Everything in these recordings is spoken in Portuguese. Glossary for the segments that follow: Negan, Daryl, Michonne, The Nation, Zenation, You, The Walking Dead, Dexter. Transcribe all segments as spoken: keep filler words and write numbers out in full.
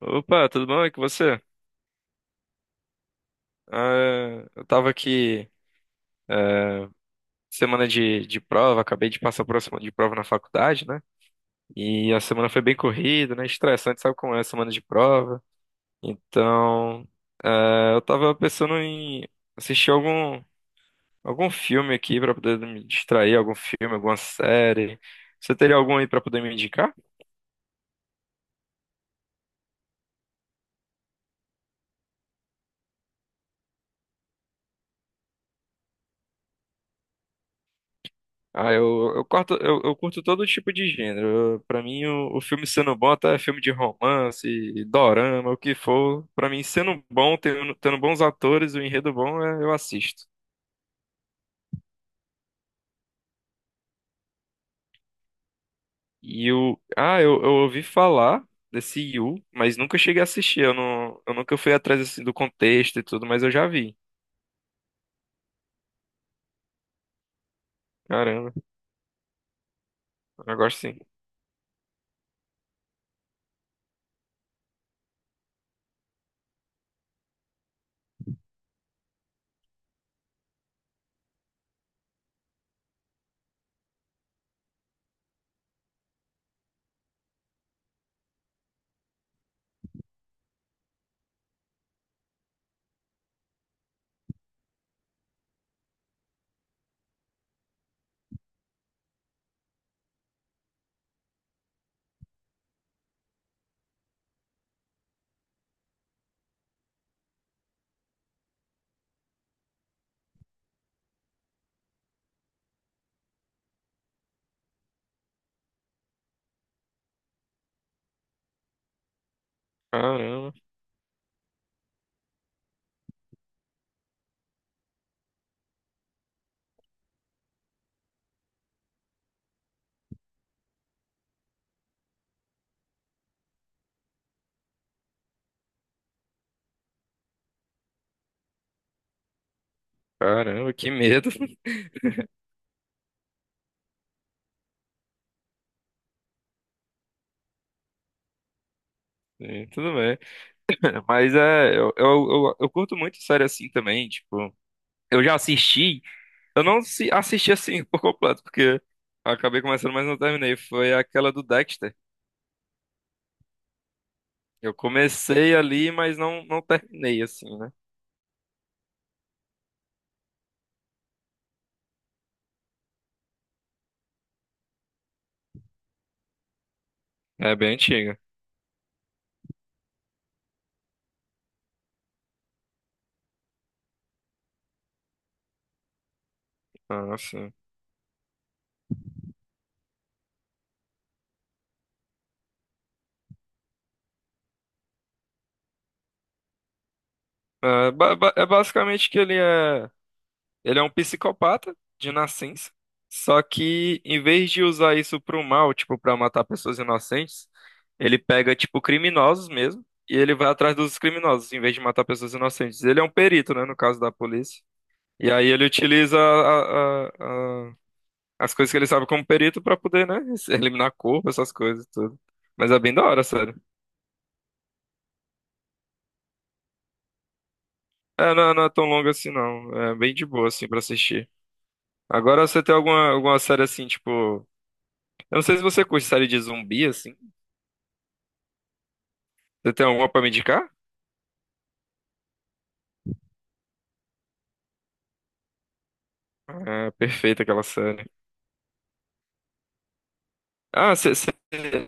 Opa, tudo bom? E com você? Ah, é, eu tava aqui semana de, de prova, acabei de passar por uma semana de prova na faculdade, né? E a semana foi bem corrida, né? Estressante, sabe como é a semana de prova? Então, ah, eu tava pensando em assistir algum, algum filme aqui pra poder me distrair, algum filme, alguma série. Você teria algum aí pra poder me indicar? Ah, eu, eu, corto, eu, eu curto todo tipo de gênero. Eu- Pra mim, o, o filme sendo bom, até filme de romance, dorama, o que for. Pra mim, sendo bom, tendo, tendo bons atores, o enredo bom, é- eu assisto. E o. Ah, eu, eu ouvi falar desse Yu, mas nunca cheguei a assistir. Eu, não, eu nunca fui atrás assim, do contexto e tudo, mas eu já vi. Caramba, eu gosto sim. Caramba, caramba, que medo. É, tudo bem. Mas é, eu, eu, eu, eu curto muito série assim também, tipo. Eu já assisti. Eu não se- Assisti assim por completo, porque acabei começando, mas não terminei. Foi aquela do Dexter. Eu comecei ali, mas não, não terminei assim, né? É bem antiga. Ah, sim. É, ba- ba- é basicamente que ele é, ele é um psicopata de nascença. Só que em vez de usar isso pro mal, tipo, pra matar pessoas inocentes, ele pega, tipo, criminosos mesmo. E ele vai atrás dos criminosos, em vez de matar pessoas inocentes. Ele é um perito, né, no caso da polícia. E aí ele utiliza a- a- a- as coisas que ele sabe como perito pra poder, né, eliminar corpo, essas coisas e tudo. Mas é bem da hora, sério. É, não, é, não é tão longo assim, não. É bem de boa, assim, pra assistir. Agora você tem alguma, alguma série assim, tipo. Eu não sei se você curte série de zumbi, assim. Você tem alguma pra me indicar? É perfeita aquela série. Ah, você, você-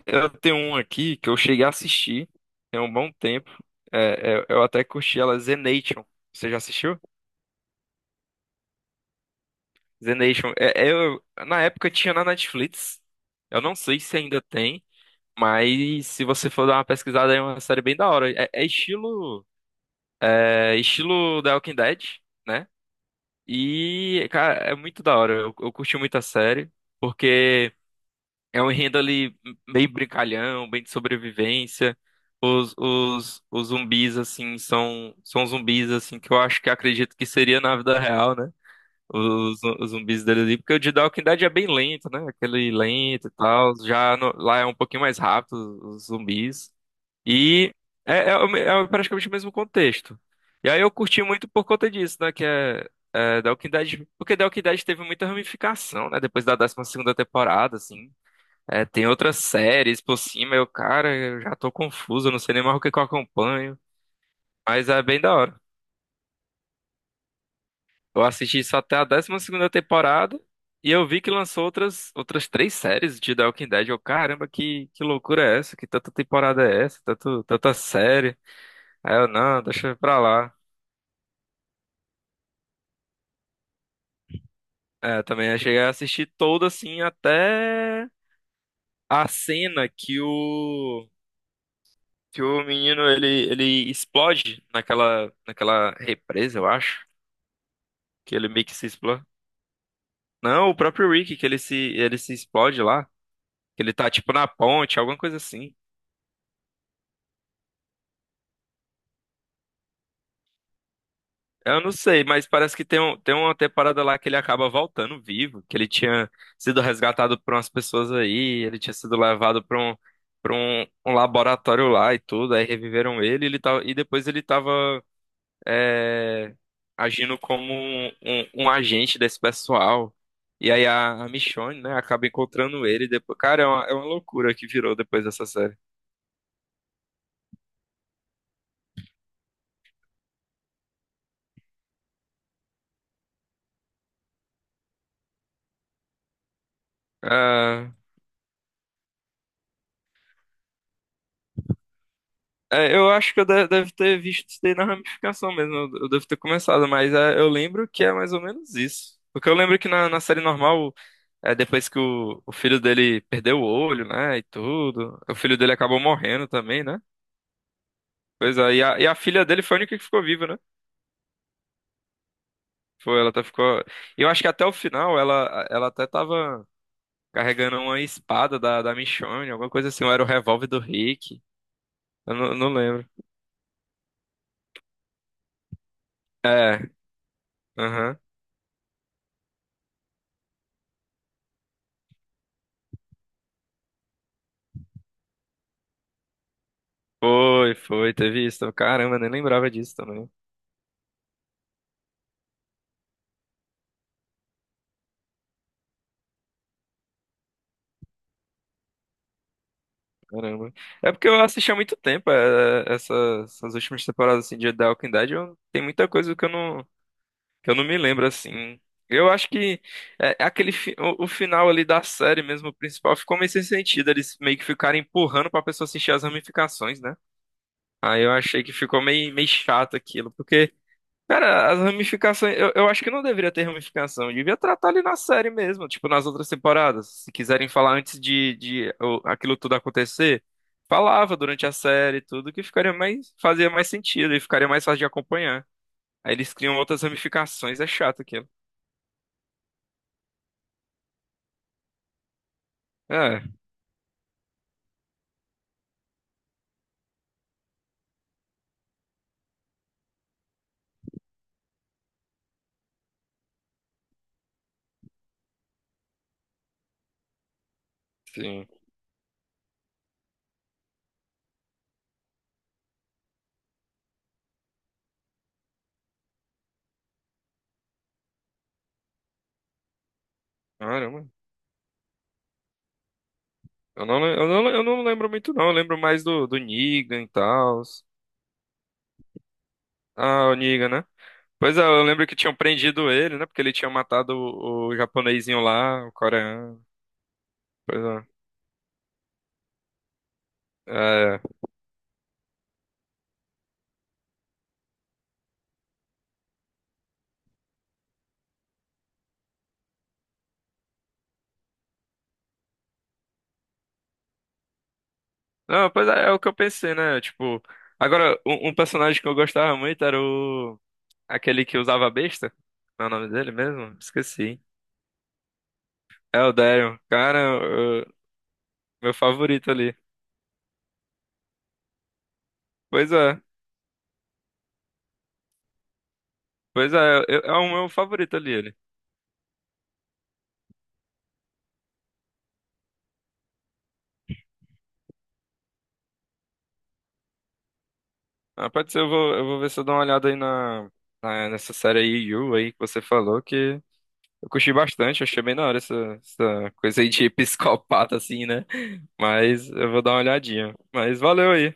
eu tenho um aqui que eu cheguei a assistir tem um bom tempo. É, é, eu até curti ela, Zenation. Você já assistiu? The Nation. É, é, eu, na época tinha na Netflix. Eu não sei se ainda tem, mas se você for dar uma pesquisada, é uma série bem da hora. É, é estilo, é estilo The Walking Dead, né? E, cara, é muito da hora. Eu, eu curti muito a série, porque é um enredo ali meio brincalhão, bem de sobrevivência. Os, os, os zumbis, assim, são, são zumbis, assim, que eu acho que acredito que seria na vida real, né? os, os zumbis dele ali, porque o de The Walking Dead é bem lento, né? Aquele lento e tal. Já no- Lá é um pouquinho mais rápido os zumbis. E é, é, o me- é praticamente o mesmo contexto. E aí eu curti muito por conta disso, né? Que é, é The Walking Dead, porque The Walking Dead teve muita ramificação, né? Depois da décima segunda temporada, assim. É, tem outras séries por cima, eu, cara, eu já tô confuso, eu não sei nem mais o que que eu acompanho. Mas é bem da hora. Eu assisti só até a décima segunda temporada e eu vi que lançou outras, outras três séries de The Walking Dead. Eu, caramba, que, que loucura é essa? Que tanta temporada é essa? Tanto, tanta série? Aí eu, não, deixa pra lá. É, também eu também cheguei a assistir toda assim até a cena que o que o menino ele, ele explode naquela naquela represa, eu acho, que ele meio que se explode. Não, o próprio Rick que ele se ele se explode lá, que ele tá tipo na ponte, alguma coisa assim. Eu não sei, mas parece que tem, um, tem uma temporada lá que ele acaba voltando vivo, que ele tinha sido resgatado por umas pessoas aí, ele tinha sido levado para um, para um, um laboratório lá e tudo, aí reviveram ele, ele tava, e depois ele tava é, agindo como um, um- um agente desse pessoal. E aí a, a Michonne, né, acaba encontrando ele depois. Cara, é uma, é uma loucura que virou depois dessa série. Ah, é, eu acho que eu de- deve ter visto isso daí na ramificação mesmo. Eu, eu devo ter começado, mas é, eu lembro que é mais ou menos isso. Porque eu lembro que na, na série normal, é, depois que o, o filho dele perdeu o olho, né? E tudo, o filho dele acabou morrendo também, né? Pois é, e a, e a filha dele foi a única que ficou viva, né? Foi, ela até ficou. E eu acho que até o final ela, ela até tava carregando uma espada da, da Michonne, alguma coisa assim, ou era o revólver do Rick. Eu não, Não lembro. É, aham. Foi, foi, teve isso. Caramba, nem lembrava disso também. Caramba. É porque eu assisti há muito tempo é, essa- essas últimas temporadas assim, de The Walking Dead. Eu, tem muita coisa que eu não, que eu não me lembro assim. Eu acho que é, é aquele fi- o, o final ali da série mesmo, o principal, ficou meio sem sentido. Eles meio que ficaram empurrando pra pessoa assistir as ramificações, né? Aí eu achei que ficou meio, meio chato aquilo. Porque cara, as ramificações. Eu, eu acho que não deveria ter ramificação. Devia tratar ali na série mesmo, tipo nas outras temporadas. Se quiserem falar antes de, de o- aquilo tudo acontecer, falava durante a série e tudo, que ficaria mais, fazia mais sentido e ficaria mais fácil de acompanhar. Aí eles criam outras ramificações, é chato aquilo. É, sim. Caramba. Eu não, le- eu não, eu não lembro muito, não. Eu lembro mais do, do Negan e tal. Ah, o Negan, né? Pois é, eu lembro que tinham prendido ele, né? Porque ele tinha matado o, o japonesinho lá, o coreano. Pois é. É. É. Não, pois é, é o que eu pensei, né? Tipo, agora, um, um personagem que eu gostava muito era o... Aquele que usava a besta. Não é o nome dele mesmo? Esqueci. É o Daryl. Cara, eu- meu favorito ali. Pois é. Pois é, eu- é o meu favorito ali, ele. Ah, pode ser, eu vou, eu vou ver se eu dou uma olhada aí na, na- nessa série aí, You, aí, que você falou, que eu curti bastante, achei bem da hora essa, essa coisa aí de psicopata, assim, né? Mas eu vou dar uma olhadinha. Mas valeu aí.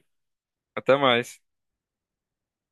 Até mais.